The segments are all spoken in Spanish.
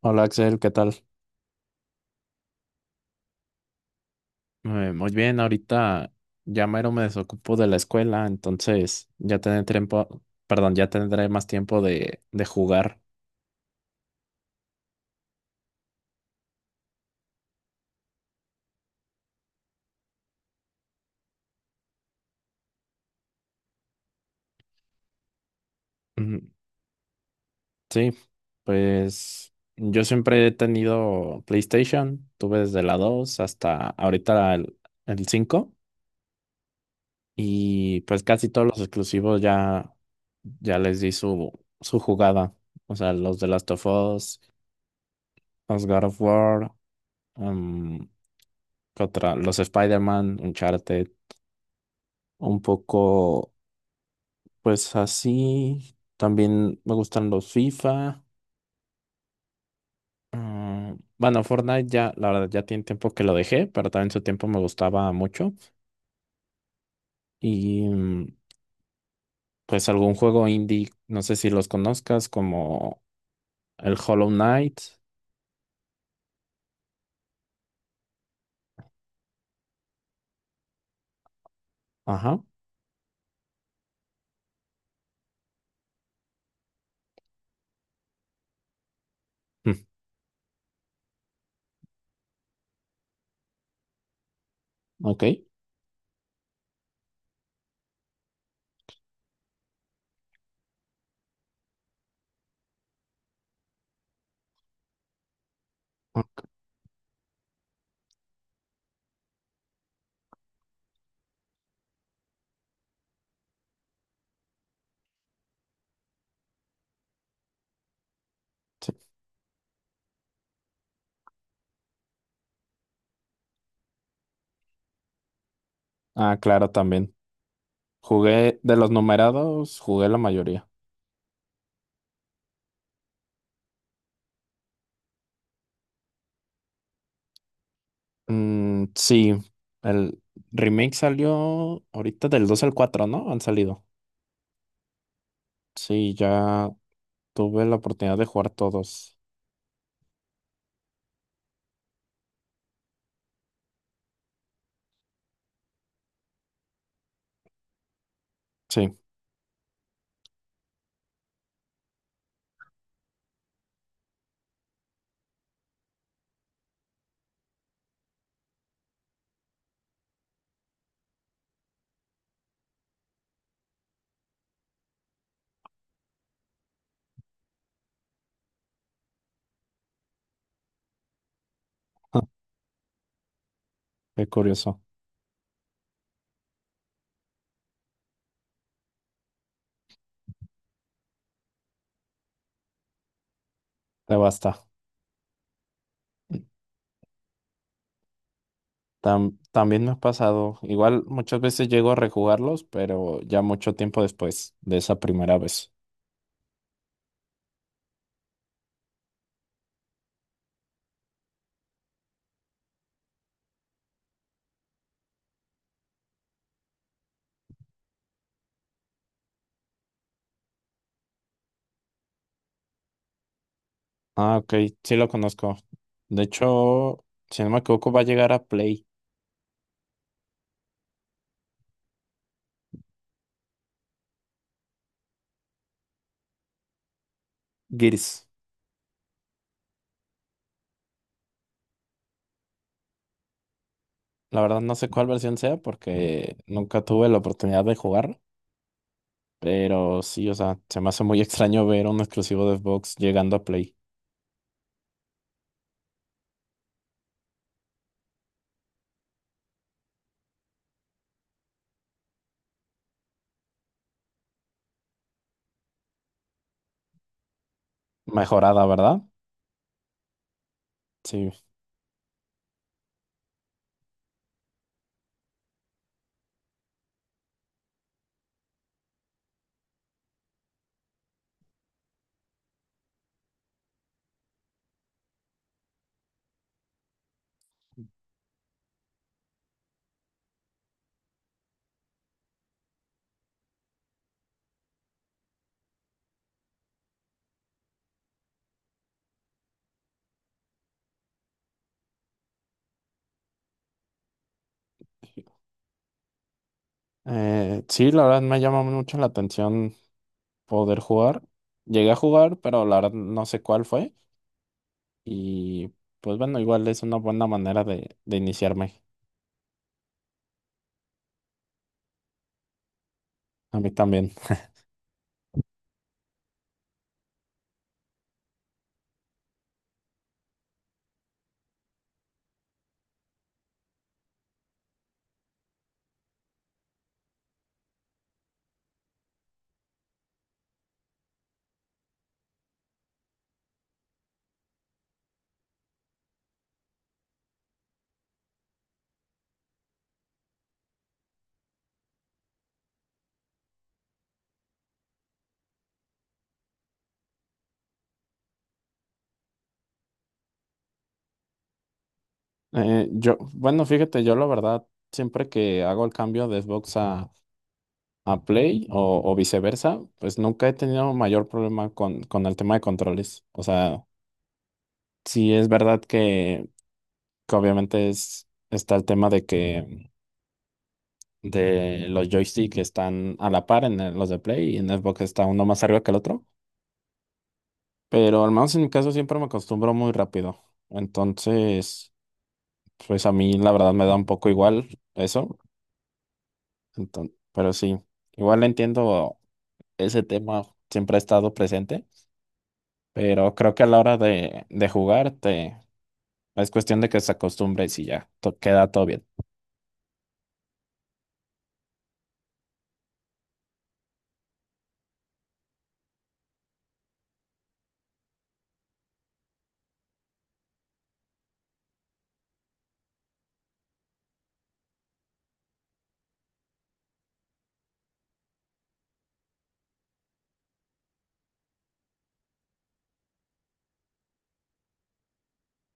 Hola Axel, ¿qué tal? Muy bien, ahorita ya mero me desocupo de la escuela, entonces ya tendré tiempo, perdón, ya tendré más tiempo de jugar. Ujú. Sí, pues yo siempre he tenido PlayStation, tuve desde la 2 hasta ahorita el 5 y pues casi todos los exclusivos ya, ya les di su jugada, o sea, los de Last of Us, los God of War. em, ¿Qué otra? Los Spider-Man, Uncharted, un poco, pues así. También me gustan los FIFA. mm, bueno, Fortnite ya, la verdad, ya tiene tiempo que lo dejé, pero también en su tiempo me gustaba mucho. Y pues algún juego indie, no sé si los conozcas, como el Hollow Knight. Ajá. mm, Ok. Ah, sí. Ah, claro, también. Jugué de los numerados, jugué la mayoría. Mm, sí, el remake salió ahorita del 2 al cuatro, ¿no? Han salido. Sí, ya tuve la oportunidad de jugar todos. Sí, qué curioso. Te basta. También me ha pasado. Igual muchas veces llego a rejugarlos, pero ya mucho tiempo después de esa primera vez. Ah, ok, sí lo conozco. De hecho, si no me equivoco, va a llegar a Play Gears. La verdad no sé cuál versión sea porque nunca tuve la oportunidad de jugar, pero sí, o sea, se me hace muy extraño ver un exclusivo de Xbox llegando a Play. Mejorada, ¿verdad? Sí. Sí, la verdad me llama mucho la atención poder jugar. Llegué a jugar, pero la verdad no sé cuál fue. Y pues bueno, igual es una buena manera de iniciarme. A mí también. Yo, bueno, fíjate, yo la verdad, siempre que hago el cambio de a Play o viceversa, pues nunca he tenido mayor problema con el tema de controles. O sea, sí, es verdad que obviamente es, está el tema de que de los joysticks están a la par en los de Play y en Xbox está uno más arriba que el otro, pero al menos en mi caso siempre me acostumbro muy rápido. Entonces, pues a mí la verdad me da un poco igual eso. Entonces, pero sí, igual entiendo ese tema, siempre ha estado presente, pero creo que a la hora de jugar te, es cuestión de que se acostumbres y sí, ya, queda todo bien.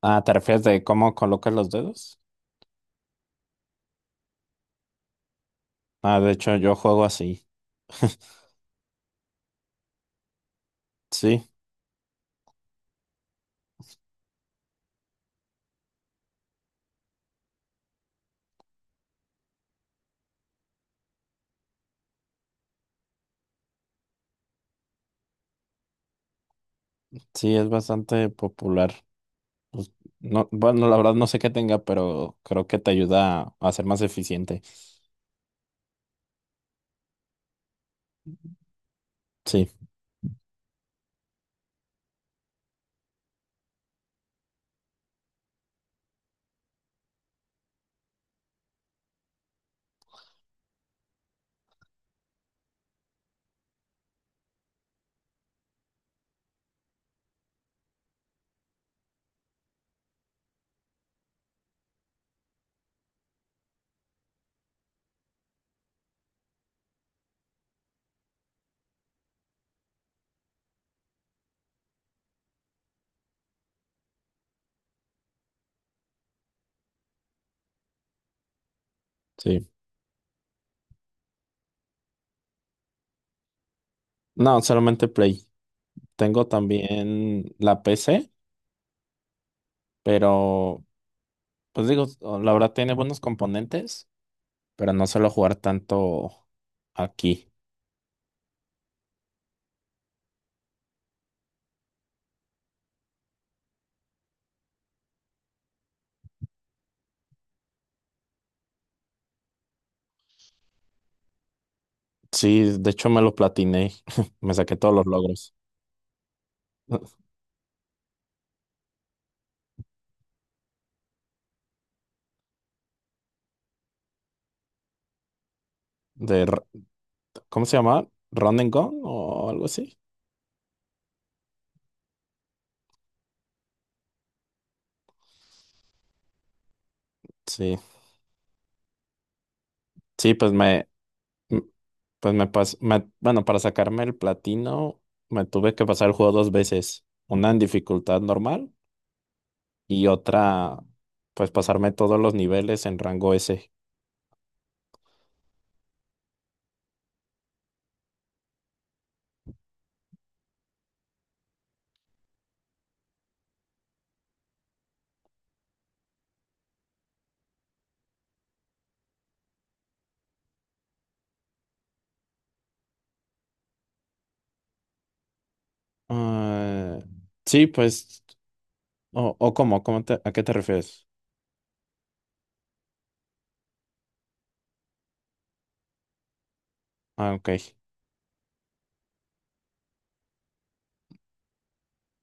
Ah, ¿te refieres de cómo colocas los dedos? Ah, de hecho, yo juego así. Sí, sí, es bastante popular. No, bueno, la verdad no sé qué tenga, pero creo que te ayuda a ser más eficiente. Sí, sí. No, solamente Play. Tengo también la PC, pero pues digo, la verdad tiene buenos componentes, pero no suelo jugar tanto aquí. Sí, de hecho me lo platiné. Me saqué todos los logros. De, R- ¿Cómo se llama? ¿Run and Gun o algo así? Sí. Sí, pues bueno, para sacarme el platino me tuve que pasar el juego dos veces, una en dificultad normal y otra, pues pasarme todos los niveles en rango S. Ah, sí, pues, o cómo, ¿a qué te refieres? Ah, ok.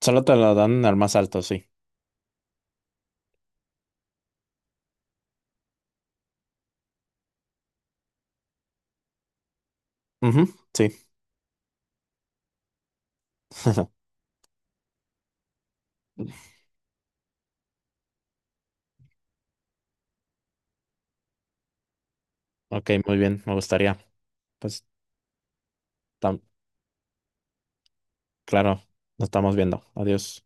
Solo te lo dan al más alto, sí. Ujú, sí. Ok, muy bien, me gustaría. Pues, tam- claro, nos estamos viendo. Adiós.